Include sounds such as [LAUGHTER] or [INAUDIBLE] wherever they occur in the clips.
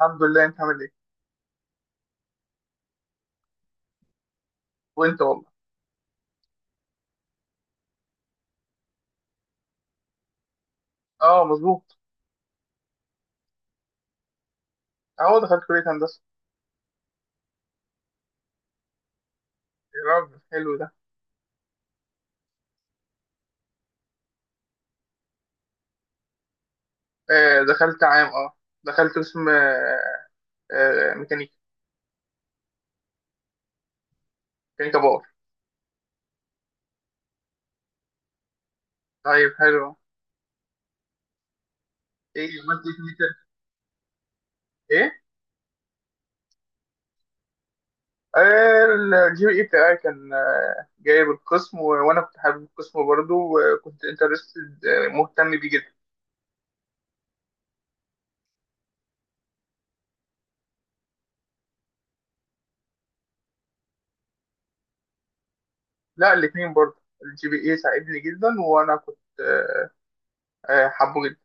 الحمد لله. انت عامل ايه؟ وانت والله. اه، مظبوط. اهو دخلت كلية هندسة. يا راجل حلو ده. دخلت عام دخلت قسم ميكانيكا. ميكانيكا باور. طيب حلو. ايه عملت ايه في الميكانيكا؟ ايه. آه الجي بي اي بتاعي كان جايب القسم وانا كنت حابب القسم برضه وكنت انترستد، مهتم بيه جدا. لا، الاتنين برضه. الجي بي اي ساعدني جدا وانا كنت حابه جدا.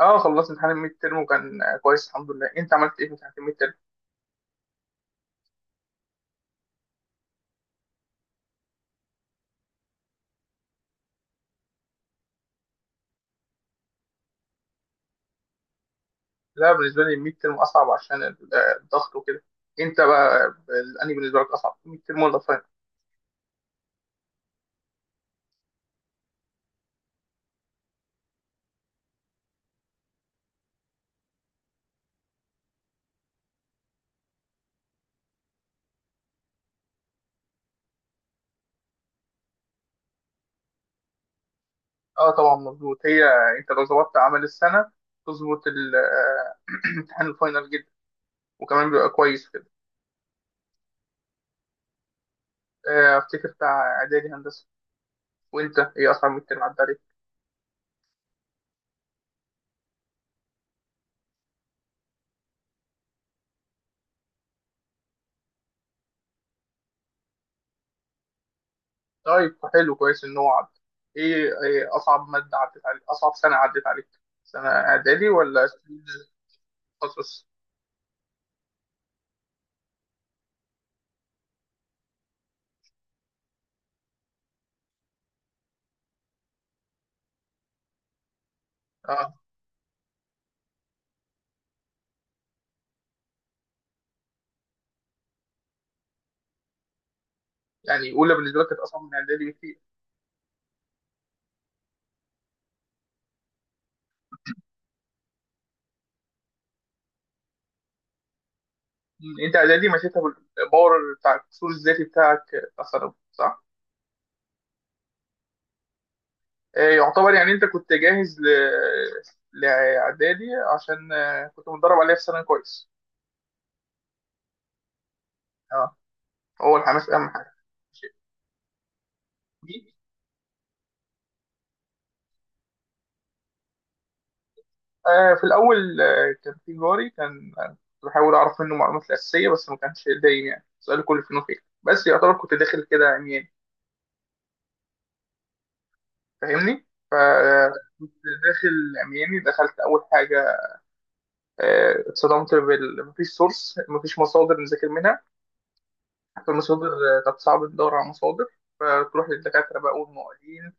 اه، خلصت امتحان الميد ترم وكان كويس الحمد لله. انت عملت ايه في امتحان الميد؟ لا، بالنسبه لي الميد ترم اصعب عشان الضغط وكده. انت بقى انهي بالنسبه لك اصعب، الميد ترم ولا الفاينل؟ اه طبعا مظبوط. هي انت لو ظبطت اعمال السنه تظبط [CLEARS THROAT] امتحان الفاينل جدا وكمان بيبقى كويس كده. افتكر بتاع اعدادي هندسه. وانت ايه اصعب ميد ترم عدى عليك؟ طيب حلو، كويس ان هو عدى. ايه اصعب ماده عدت عليك؟ اصعب سنه عدت عليك، سنه اعدادي ولا تخصص؟ اه. يعني اولى بالنسبه لك كانت اصعب من اعدادي بكتير. مم. انت اعدادي مشيتها بالباور، بتاع القصور الذاتي بتاعك، بتاع ثانوي صح؟ يعتبر يعني انت كنت جاهز لاعدادي عشان كنت متدرب عليها في ثانوي كويس. اه، هو الحماس اهم حاجه. دي في الاول كان في جاري، كان كنت بحاول اعرف منه المعلومات الاساسيه بس ما كانش دايم، يعني سؤال كل فين وفين. بس يعتبر كنت داخل كده عمياني، فاهمني؟ فكنت داخل عمياني. دخلت اول حاجه اتصدمت مفيش سورس، مفيش مصادر نذاكر منها. فالمصادر كانت صعب ندور على مصادر. فتروح للدكاترة بقى والمعيدين،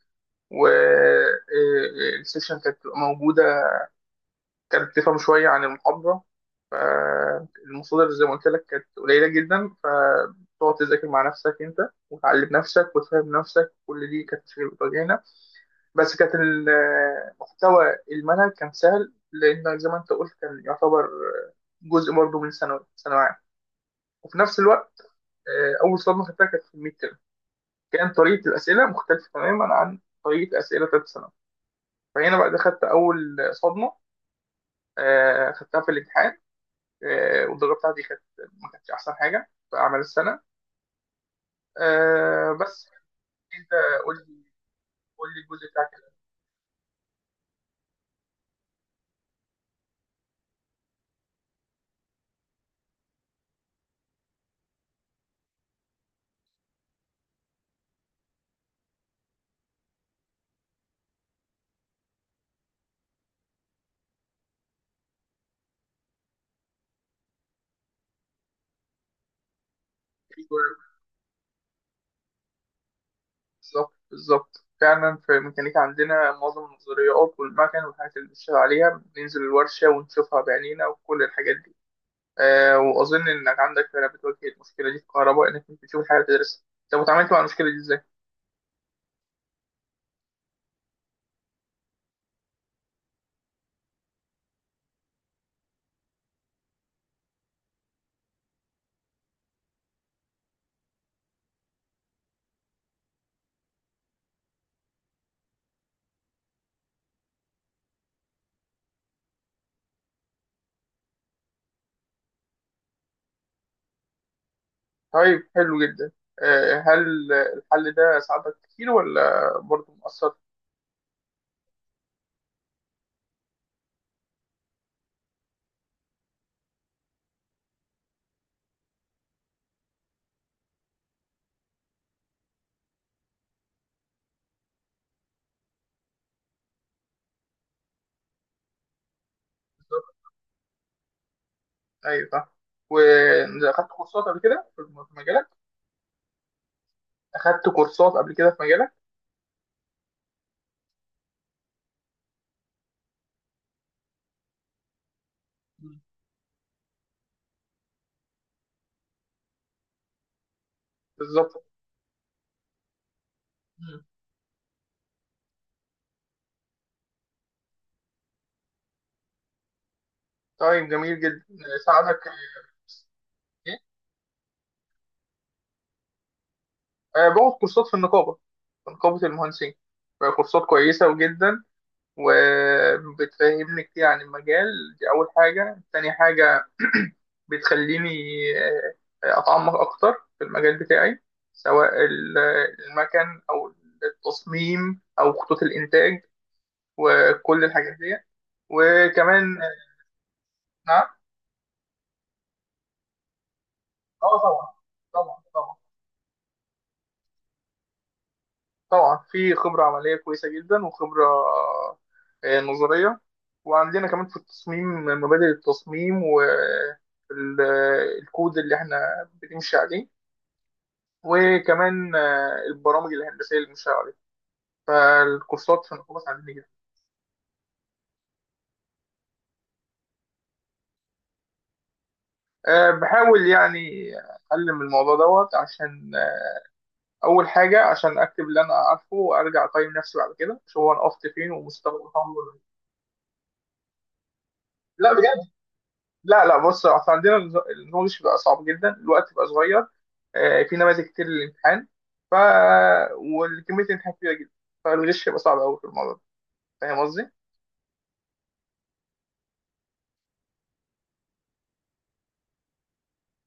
والسيكشن كانت بتبقى موجودة، كانت تفهم شوية عن المحاضرة. فالمصادر زي ما قلت لك كانت قليلة جدا، فتقعد تذاكر مع نفسك أنت وتعلم نفسك وتفهم نفسك، كل دي كانت مشاكل بتواجهنا. بس كانت المحتوى المنهج كان سهل لأن زي ما أنت قلت كان يعتبر جزء برضه من ثانوي ثانوي. وفي نفس الوقت اول صدمه خدتها كانت في الميد ترم. كان طريقه الاسئله مختلفه تماما عن طريقه اسئله ثالثه ثانوي، فهنا بقى ده خدت اول صدمه خدتها في الامتحان. والدرجه بتاعتي كانت ما كانتش احسن حاجه في اعمال السنه بس. انت قول لي، قول لي الجزء بتاعك كان فيه جزء. بالظبط، بالظبط، فعلا في ميكانيكا عندنا معظم النظريات والمكن والحاجات اللي بنشتغل عليها بننزل الورشه ونشوفها بعينينا وكل الحاجات دي. واظن انك عندك فرقه بتواجه المشكله دي في كهرباء، انك مش بتشوف الحاجه تدرسها. طب وتعاملت مع المشكله دي ازاي؟ طيب حلو جدا. هل الحل ده ساعدك كتير ولا برضه مؤثر؟ ايوه، صح. واخدت كورسات قبل كده في في مجالك؟ اخدت كورسات قبل كده في مجالك؟ مم. بالظبط. مم. طيب جميل جدا، ساعدك ايه؟ باخد كورسات في النقابه، في نقابه المهندسين. كورسات كويسه جدا وبتفهمني كتير عن المجال. دي أول حاجة. تاني حاجة [CLEARS THROAT] بتخليني أتعمق أكتر في المجال بتاعي، سواء المكن أو التصميم أو خطوط الإنتاج وكل الحاجات دي. وكمان نعم. اه طبعا، طبعا طبعا. طبعا في خبرة عملية كويسة جدا وخبرة نظرية. وعندنا كمان في التصميم مبادئ التصميم والكود اللي احنا بنمشي عليه. وكمان البرامج الهندسية اللي بنمشي عليها. فالكورسات في الكورس عندنا كده. بحاول يعني أتعلم الموضوع دوت عشان أول حاجة عشان أكتب اللي أنا عارفه وأرجع أقيم نفسي بعد كده، شو أنا وقفت فين ومستوى الأمر. لا، لا لا. بص، اصل عندنا النظام مش بيبقى صعب جدا، الوقت بيبقى صغير. في نماذج كتير للامتحان، ف وكميه الامتحان كبيره جدا، فالغش يبقى صعب قوي في الموضوع ده. فاهم قصدي؟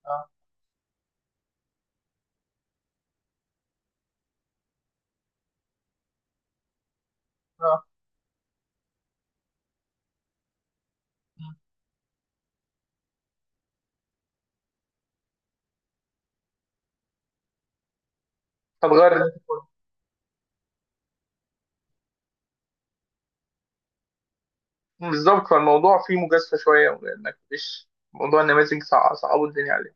اه اه. مم. هتغير بدأت أقول. بالظبط، فالموضوع فيه مجازفه شويه، انك مش موضوع النماذج صعبوا الدنيا عليه.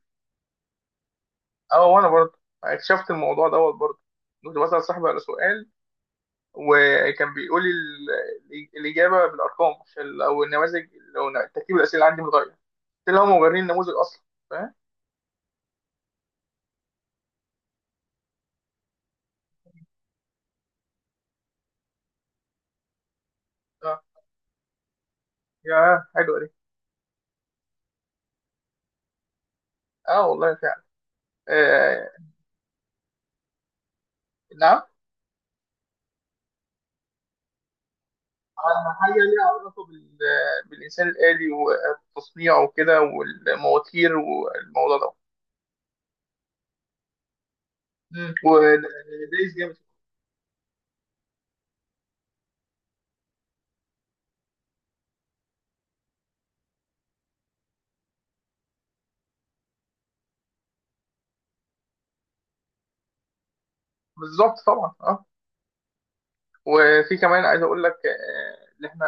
اه، وانا برضه اكتشفت الموضوع دوت برضه. كنت بسال صاحبي على سؤال وكان بيقول لي الاجابه بالارقام، عشان لو النماذج، لو ترتيب الاسئله عندي متغير، اللي هم مبررين النموذج اصلا. فاهم. اه. يا حلوه دي. اه والله فعلا. آه. نعم. على حاجه ليها علاقه بالانسان الالي وتصنيعه وكده والمواتير والموضوع ده. مم. ودايس جامد. بالظبط طبعا اه. وفي كمان عايز اقول لك ان احنا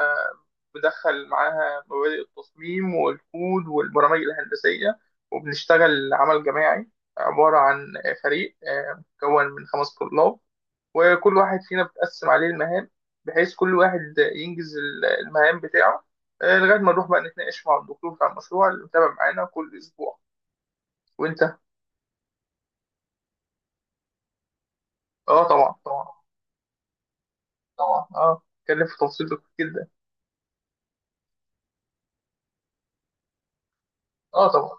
بدخل معاها مبادئ التصميم والكود والبرامج الهندسيه. وبنشتغل عمل جماعي، عباره عن فريق مكون من 5 طلاب. وكل واحد فينا بتقسم عليه المهام، بحيث كل واحد ينجز المهام بتاعه لغاية ما نروح بقى نتناقش مع الدكتور بتاع المشروع اللي متابع معانا كل أسبوع. وأنت؟ أه طبعا، طبعا طبعا. أه اتكلم في تفاصيل كتير جدا. أه طبعا،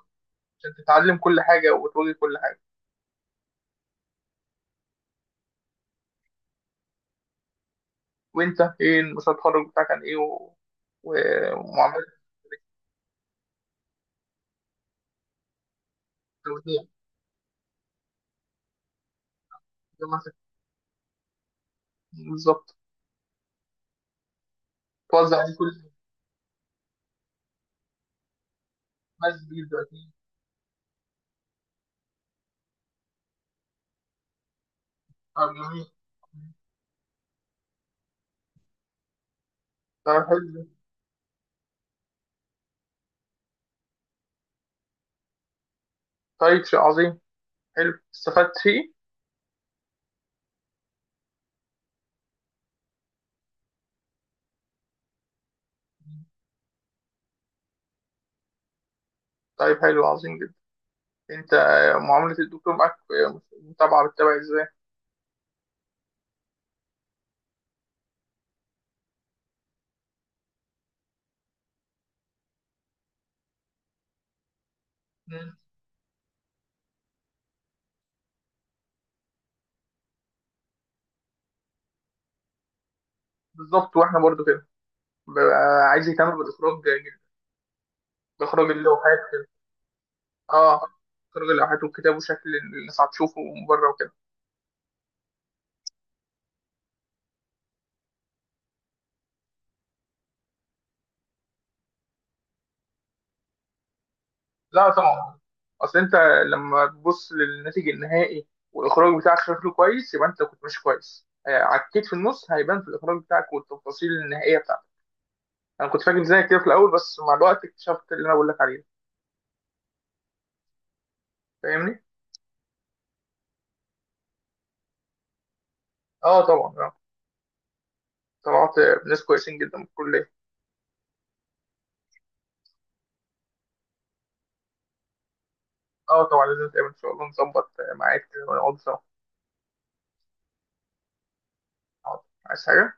عشان تتعلم كل حاجة وتواجه كل حاجة. وأنت إيه مشروع التخرج بتاعك عن إيه؟ و... و... ومعاملات التوزيع. زي ما أنت- بالظبط، توزع عليه كل مادة دلوقتي. أه جميل. طيب حلو. طيب شيء عظيم. حلو، استفدت فيه. طيب حلو عظيم جدا. انت معاملة الدكتور معاك، متابعة، بتتابع ازاي؟ مم. بالظبط، واحنا برضو كده. ببقى عايز يهتم بالاخراج جدا، باخراج اللوحات كده. اه. اخراج اللوحات والكتاب وشكل الناس هتشوفه من بره وكده. لا طبعا، اصل انت لما تبص للناتج النهائي والاخراج بتاعك شكله كويس يبقى انت كنت ماشي كويس. عكيت في النص هيبان في الاخراج بتاعك والتفاصيل النهائية بتاعتك. انا كنت فاكر زيك كده في الاول بس مع الوقت اكتشفت اللي انا بقول لك عليه. فاهمني. اه طبعا آه. طلعت ناس كويسين جدا من الكلية. اه طبعا لازم نتقابل ان شاء الله، نظبط ميعاد كده ونقعد سوا. حاضر. عايز حاجة؟